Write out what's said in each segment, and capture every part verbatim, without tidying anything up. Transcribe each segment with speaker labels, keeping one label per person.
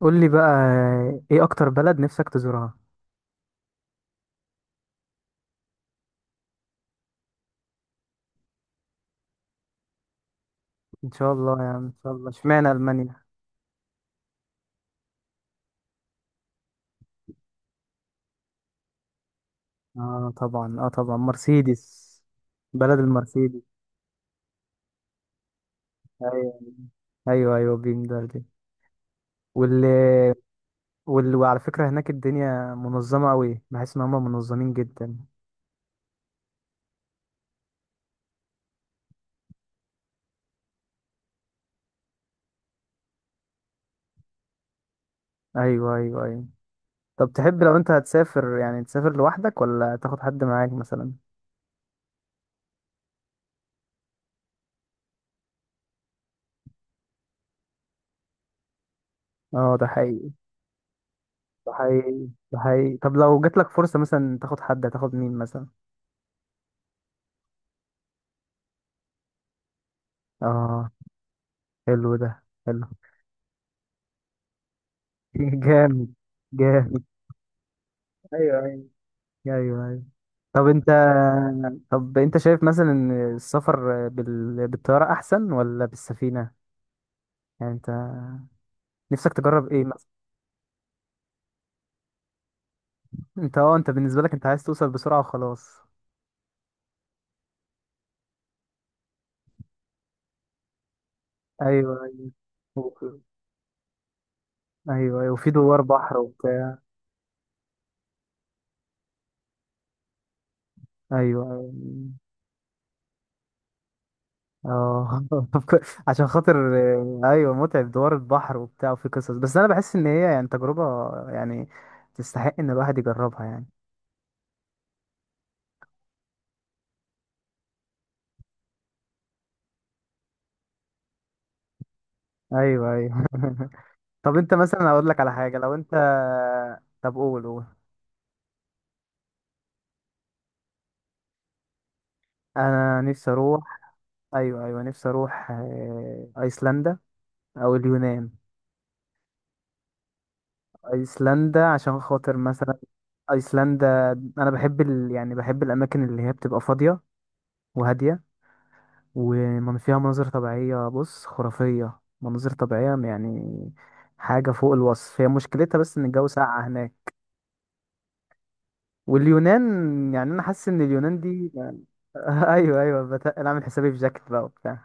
Speaker 1: قول لي بقى، ايه اكتر بلد نفسك تزورها؟ ان شاء الله، يعني ان شاء الله. اشمعنى المانيا؟ اه طبعا، اه طبعا، مرسيدس. بلد المرسيدس. ايوه ايوه ايوه بيم دي. واللي وال... وعلى فكرة هناك الدنيا منظمة قوي، بحس ان هم منظمين جدا. ايوه ايوه ايوه. طب تحب لو انت هتسافر يعني تسافر لوحدك ولا تاخد حد معاك مثلا؟ اه ده حقيقي. ده حقيقي ده حقيقي. طب لو جاتلك فرصة مثلا تاخد حد، هتاخد مين مثلا؟ اه حلو ده. حلو. جامد جامد. ايوه ايوه. ايوه ايوه. طب انت طب انت شايف مثلا ان السفر بال... بالطياره احسن ولا بالسفينه؟ يعني انت نفسك تجرب ايه مثلا؟ انت اه انت بالنسبه لك انت عايز توصل بسرعه وخلاص. ايوه ايوه وفي- ايوه ايوه، وفي دوار بحر وبتاع. ايوه ايوه. اه عشان خاطر. ايوه متعب، دوار البحر وبتاع وفي قصص، بس انا بحس ان هي يعني تجربه يعني تستحق ان الواحد يجربها يعني. ايوه ايوه. طب انت مثلا اقول لك على حاجه لو انت. طب قول قول. انا نفسي اروح. ايوه ايوه نفسي اروح آه، ايسلندا او اليونان. ايسلندا عشان خاطر مثلا. ايسلندا، انا بحب ال... يعني بحب الاماكن اللي هي بتبقى فاضيه وهاديه ومن فيها مناظر طبيعيه، بص خرافيه مناظر طبيعيه، يعني حاجه فوق الوصف. هي مشكلتها بس ان الجو ساقع هناك. واليونان، يعني انا حاسس ان اليونان دي ايوه ايوه بت... انا عامل حسابي في جاكيت بقى وبتاع.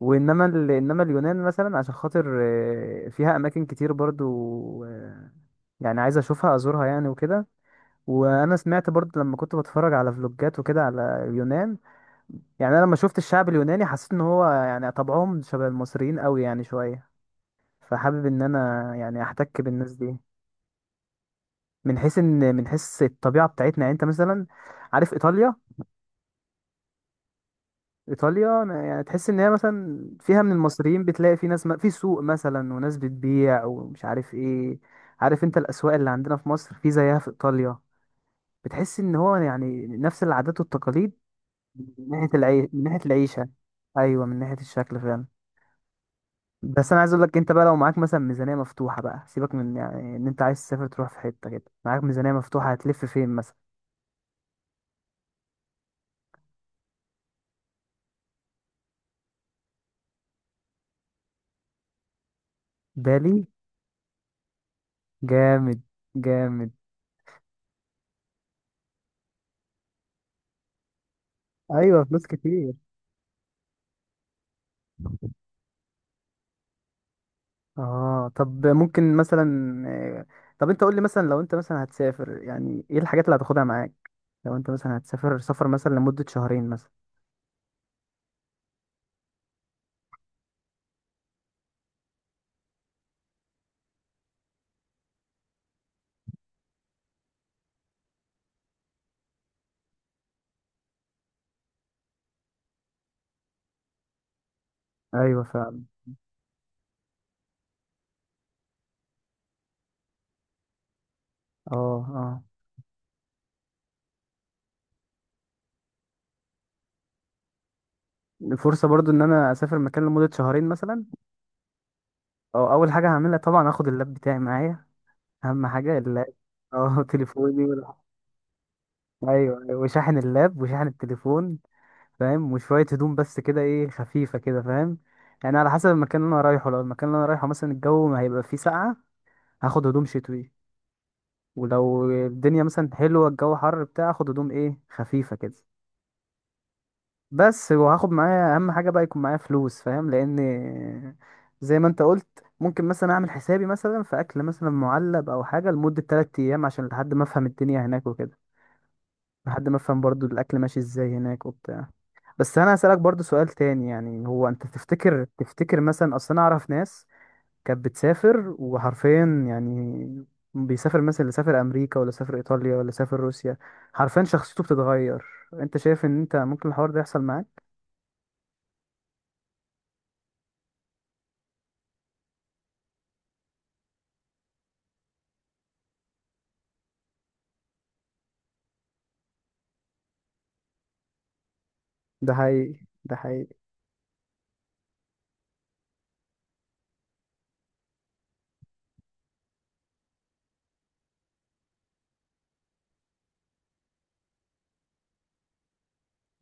Speaker 1: وانما ال... انما اليونان مثلا عشان خاطر آه، فيها اماكن كتير برضو. آه، يعني عايز اشوفها ازورها يعني وكده. وانا سمعت برضو لما كنت بتفرج على فلوجات وكده على اليونان. يعني انا لما شفت الشعب اليوناني حسيت ان هو يعني طبعهم شبه المصريين قوي يعني شويه. فحابب ان انا يعني احتك بالناس دي. من حيث ان من حيث الطبيعه بتاعتنا. يعني انت مثلا عارف ايطاليا؟ ايطاليا أنا يعني تحس ان هي مثلا فيها من المصريين، بتلاقي في ناس م... في سوق مثلا وناس بتبيع ومش عارف ايه. عارف انت الاسواق اللي عندنا في مصر، في زيها في ايطاليا. بتحس ان هو يعني نفس العادات والتقاليد. من ناحيه العي... من ناحيه العيشه. ايوه من ناحيه الشكل فعلا. بس انا عايز اقول لك انت بقى، لو معاك مثلا ميزانيه مفتوحه بقى، سيبك من يعني ان انت عايز تسافر، تروح في حته كده معاك ميزانيه مفتوحه هتلف فين مثلا؟ بالي. جامد جامد. ايوه فلوس كتير. اه طب ممكن مثلا آه، طب انت قول لي مثلا لو انت مثلا هتسافر، يعني ايه الحاجات اللي هتاخدها معاك؟ لو انت مثلا هتسافر سفر مثلا لمدة شهرين مثلا. ايوه فعلا. اه اه الفرصة برضو ان انا اسافر مكان لمدة شهرين مثلا. اه اول حاجة هعملها طبعا هاخد اللاب بتاعي معايا. اهم حاجة اللاب. اه تليفوني وال- ايوه، أيوة، وشاحن اللاب وشاحن التليفون، فاهم؟ وشوية هدوم بس كده، ايه، خفيفة كده، فاهم؟ يعني على حسب المكان اللي انا رايحه. لو المكان اللي انا رايحه مثلا الجو ما هيبقى فيه ساقعة، هاخد هدوم شتوي. ولو الدنيا مثلا حلوة الجو حر بتاع هاخد هدوم ايه خفيفة كده بس. وهاخد معايا اهم حاجة بقى، يكون معايا فلوس، فاهم؟ لان زي ما انت قلت ممكن مثلا اعمل حسابي مثلا في اكل مثلا معلب او حاجة لمدة تلات ايام عشان لحد ما افهم الدنيا هناك وكده. لحد ما افهم برضو الاكل ماشي ازاي هناك وبتاع. بس انا هسألك برضو سؤال تاني، يعني هو انت تفتكر، تفتكر مثلا، اصل انا اعرف ناس كانت بتسافر وحرفيا يعني بيسافر مثلا، اللي سافر امريكا ولا سافر ايطاليا ولا سافر روسيا، حرفيا شخصيته بتتغير. انت شايف ان انت ممكن الحوار ده يحصل معاك؟ ده حقيقي ده حقيقي.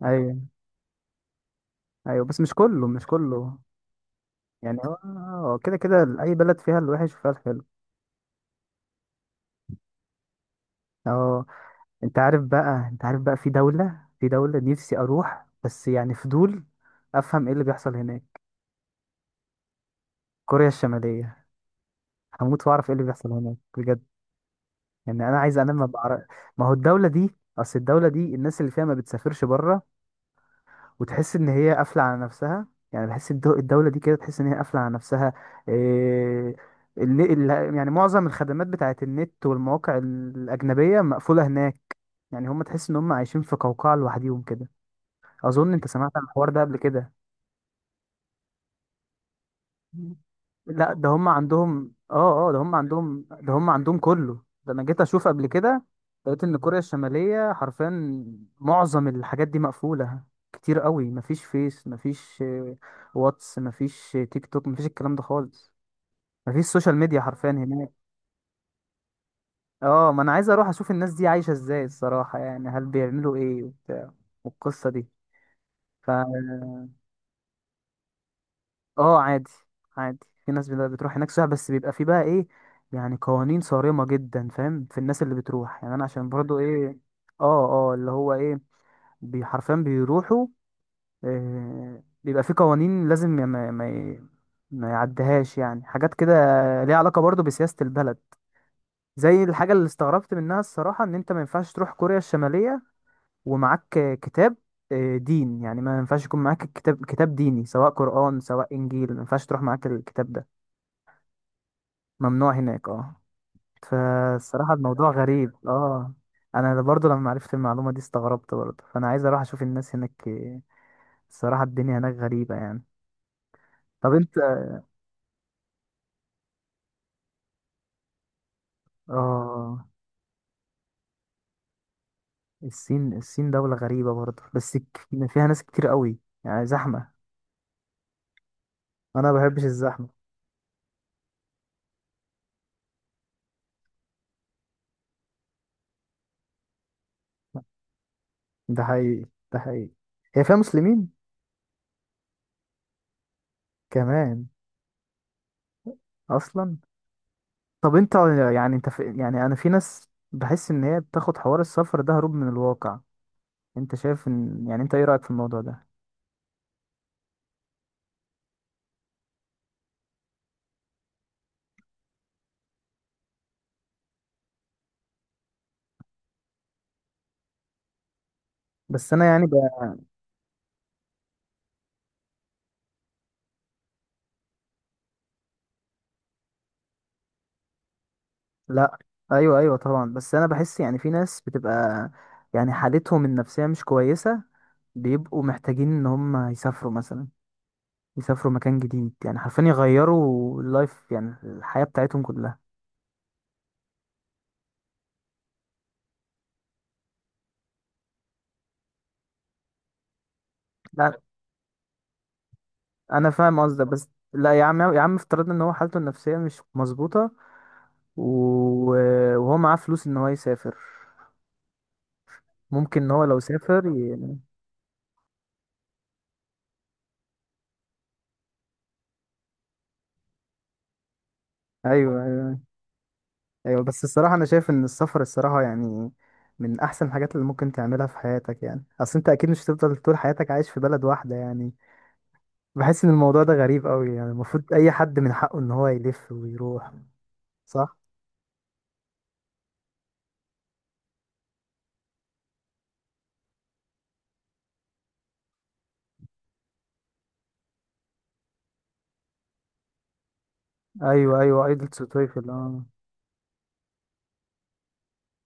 Speaker 1: ايوه ايوه، بس مش كله، مش كله. يعني هو هو كده كده اي بلد فيها الوحش وفيها الحلو. اه انت عارف بقى، انت عارف بقى في دولة، في دولة نفسي اروح بس يعني فضول افهم ايه اللي بيحصل هناك. كوريا الشمالية. هموت واعرف ايه اللي بيحصل هناك بجد. يعني انا عايز انام ما بعرف. ما هو الدوله دي، اصل الدوله دي الناس اللي فيها ما بتسافرش بره، وتحس ان هي قافله على نفسها. يعني بحس الدو- الدوله دي كده تحس ان هي قافله على نفسها. إيه... ال... ال... يعني معظم الخدمات بتاعت النت والمواقع الاجنبيه مقفوله هناك. يعني هم تحس ان هم عايشين في قوقعه لوحديهم كده. اظن انت سمعت عن الحوار ده قبل كده. لا ده هم عندهم، اه اه ده هم عندهم، ده هم عندهم كله ده. انا جيت اشوف قبل كده، لقيت ان كوريا الشمالية حرفيا معظم الحاجات دي مقفولة كتير قوي. مفيش فيس، مفيش آه، واتس، مفيش آه، تيك توك، مفيش الكلام ده خالص. مفيش سوشيال ميديا حرفيا هناك. اه ما انا عايز اروح اشوف الناس دي عايشة ازاي، الصراحة. يعني هل بيعملوا ايه وبتاع والقصة دي. ف اه عادي. عادي. في ناس بت- بتروح هناك سياحة، بس بيبقى في بقى ايه يعني، قوانين صارمة جدا، فاهم، في الناس اللي بتروح. يعني انا عشان برضو ايه، اه اه اللي هو ايه، بي- حرفيا بيروحوا، إيه، بيبقى في قوانين لازم ما ما ما ما يعديهاش يعني، حاجات كده ليها علاقة برضو بسياسة البلد. زي الحاجة اللي استغربت منها الصراحة ان انت ما ينفعش تروح كوريا الشمالية ومعاك كتاب آه، دين، يعني ما ينفعش يكون معاك الكتاب، كتاب ديني، سواء قرآن سواء إنجيل ما ينفعش تروح معاك الكتاب ده. ممنوع هناك، اه. فالصراحة الموضوع غريب، اه. انا برضو لما عرفت المعلومة دي استغربت برضو، فانا عايز اروح اشوف الناس هناك إيه. الصراحة الدنيا هناك غريبة يعني. طب انت اه. الصين، الصين دولة غريبة برضو بس ك- فيها ناس كتير قوي، يعني زحمة. انا ما بحبش الزحمة. ده حقيقي ده حقيقي. هي فيها مسلمين كمان اصلا. طب انت، يعني انت، في، يعني انا في ناس بحس ان هي بتاخد حوار السفر ده هروب من الواقع. انت شايف ان يعني انت ايه رأيك في الموضوع ده؟ بس انا يعني ب... لا ايوه ايوه طبعا، بس انا بحس يعني في ناس بتبقى يعني حالتهم النفسيه مش كويسه، بيبقوا محتاجين ان هم يسافروا مثلا، يسافروا مكان جديد، يعني حرفيا يغيروا اللايف، يعني الحياه بتاعتهم كلها. لا انا فاهم قصدك، بس لا يا عم، يا عم افترضنا ان هو حالته النفسيه مش مظبوطه و- وهو معاه فلوس ان هو يسافر، ممكن ان هو لو سافر ي... ايوه، أيوه. ايوه بس الصراحه انا شايف ان السفر الصراحه يعني من احسن الحاجات اللي ممكن تعملها في حياتك يعني. اصل انت اكيد مش هتفضل طول حياتك عايش في بلد واحده يعني. بحس ان الموضوع ده غريب قوي يعني. المفروض اي حد من حقه ان هو يلف ويروح. صح. ايوه ايوه ايدلتس وتويفل اه.